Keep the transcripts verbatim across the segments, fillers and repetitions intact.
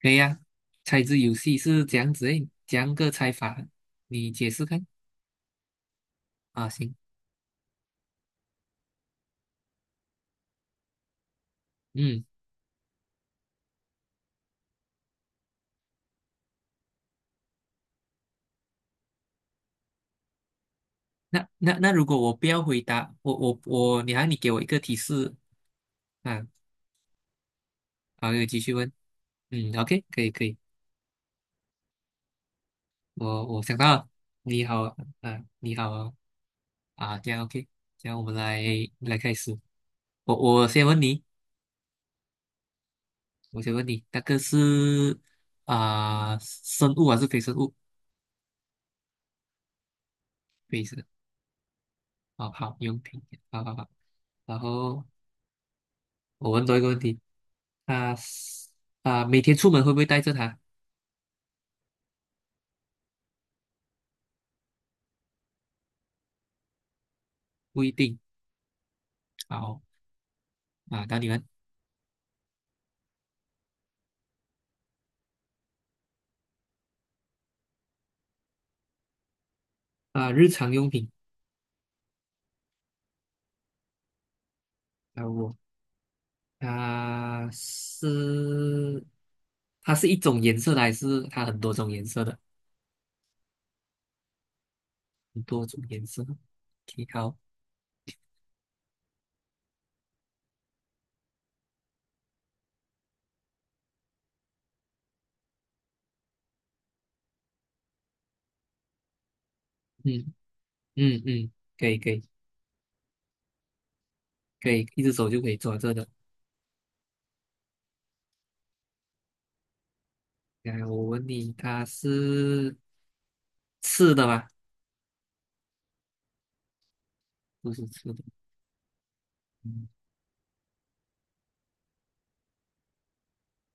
可以呀、猜字游戏是这样子诶，这样个猜法，你解释看啊？行，嗯，那那那如果我不要回答，我我我，你还你给我一个提示啊？好，你继续问。嗯，OK，可以可以，我我想到了，你好啊，你好啊，啊，这样 OK，这样我们来来开始。我我先问你，我先问你，那个是啊、生物还是非生物？非生。哦，好，用品，好好好。然后我问多一个问题，啊啊，每天出门会不会带着它？不一定。好啊，到你们啊，日常用品啊，我啊是它是一种颜色的，还是它很多种颜色的？很多种颜色。OK，好，嗯嗯嗯，可以可以可以，一只手就可以抓着的。来，我问你，它是吃的吗？不是吃的，嗯，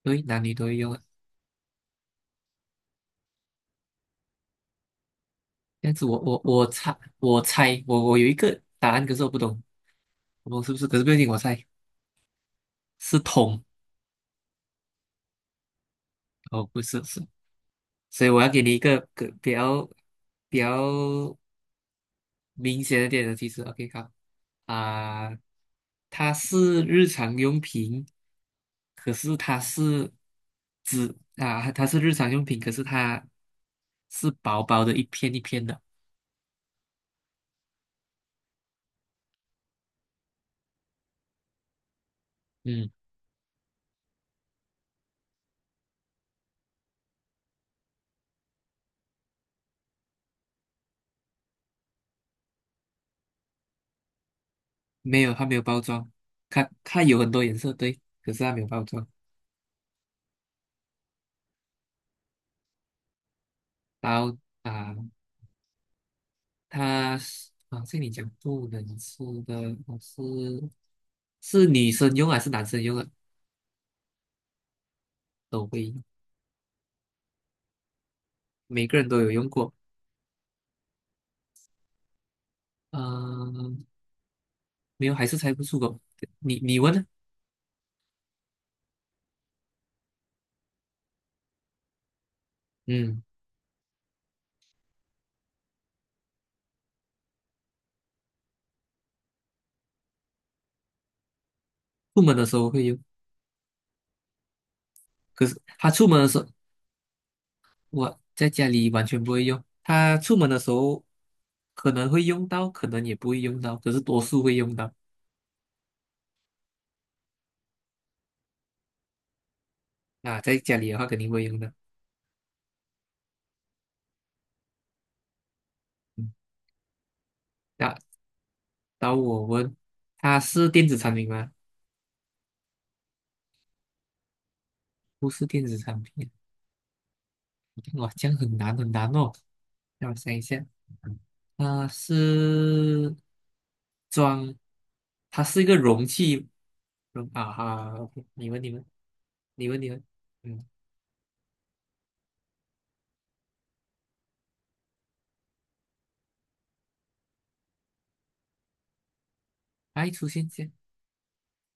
对，男女都会用啊。这样子我我我猜我猜我我有一个答案，可是我不懂我是不是？可是不要紧，我猜是通哦，不是是，所以我要给你一个个比较比较明显一点的提示啊。OK，好啊，它是日常用品，可是它是纸啊，它是日常用品，可是它是薄薄的一片一片的，嗯，没有，它没有包装，它它有很多颜色，对，可是它没有包装。然后啊。它是啊，这里讲不能吃的，它是是女生用还是男生用啊？都会用，每个人都有用过。嗯、没有，还是猜不出口。你你问呢？嗯，出门的时候会用，可是他出门的时候，我在家里完全不会用。他出门的时候可能会用到，可能也不会用到，可是多数会用到。啊，在家里的话肯定会用到。嗯，那到我问，它是电子产品吗？不是电子产品。哇，这样很难很难哦。让我想一下，它是装，它是一个容器容啊哈，OK，你问你问，你问你问，嗯，它会出现在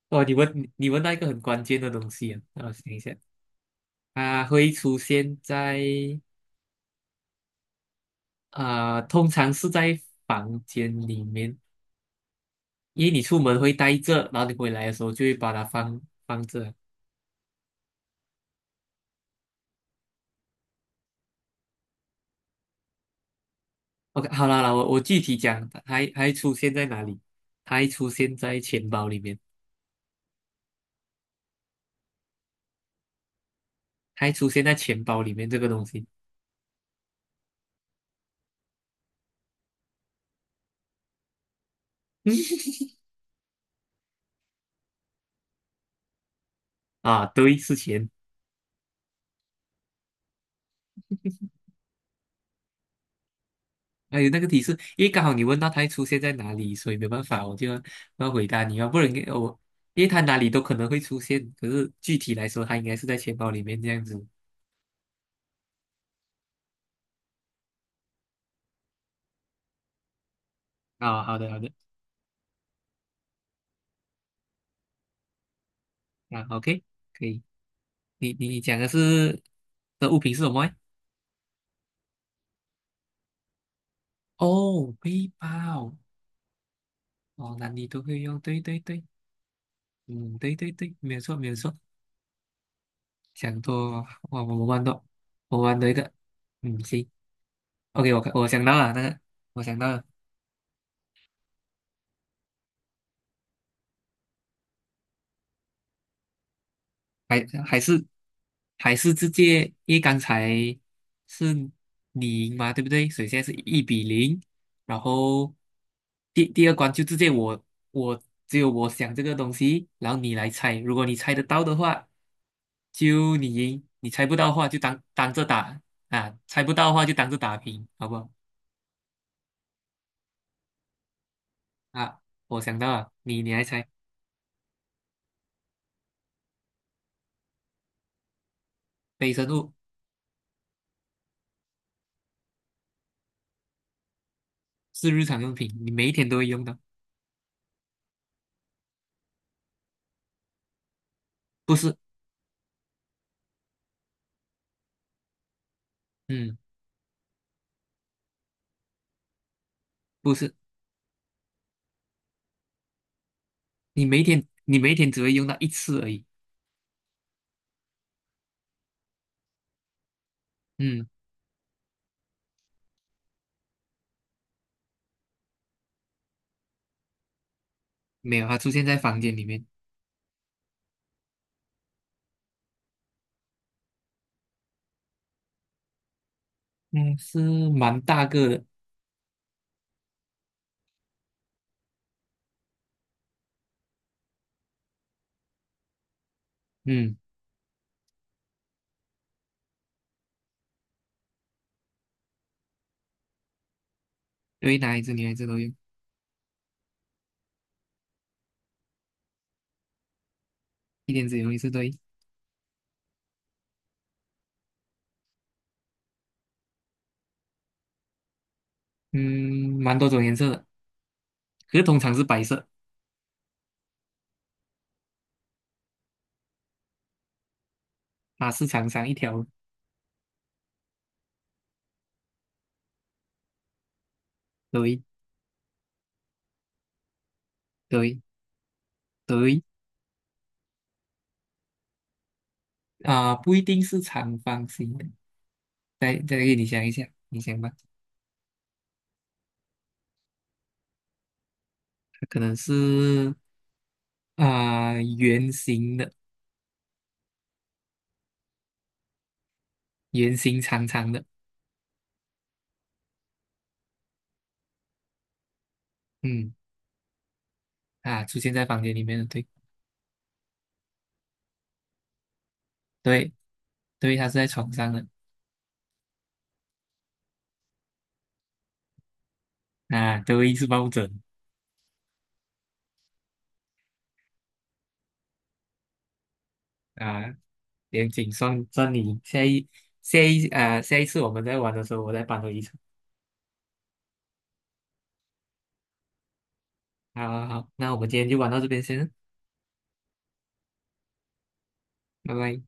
哦，你问你你问到一个很关键的东西啊，让我想一下，它会出现在啊、通常是在房间里面，因为你出门会带着，然后你回来的时候就会把它放放着，OK，好啦啦，我我具体讲，它还还出现在哪里？它还出现在钱包里面，它还出现在钱包里面这个东西啊，对，是钱。还有那个提示，因为刚好你问到它还出现在哪里，所以没办法，我就要要回答你要不然给我，因为它哪里都可能会出现，可是具体来说，它应该是在钱包里面这样子啊。好的，好的，啊，OK，可以。你你你讲的是的物品是什么诶哦，背包，哦，男女都会用，对对对。嗯，对对对，没有错没有错，想多哇，我们玩多，我玩多一个，嗯，行，OK，我看我想到了那个，我想到了，还还是还是直接，因为刚才是你赢嘛，对不对？所以现在是一比零，然后第第二关就直接我我只有我想这个东西，然后你来猜，如果你猜得到的话，就你赢；你猜不到的话就当当着打啊，猜不到的话就当着打平，好不好？啊，我想到了，你你来猜，非生物是日常用品，你每一天都会用到，不是？嗯，不是，你每一天你每一天只会用到一次而已。嗯，没有，它出现在房间里面，嗯，是蛮大个的，嗯，对，男孩子女孩子都用，一天只用一次对，嗯，蛮多种颜色的，可是通常是白色，它是长长一条，对对对，啊、不一定是长方形的，再再给你想一下，你想吧，可能是。啊、圆形的，圆形长长的，嗯啊，出现在房间里面的，对对对，它是在床上的啊，对，是抱枕啊，严谨算算你下一下一啊、下一次我们在玩的时候，我再搬回一场。好好好，那我们今天就玩到这边先，拜拜。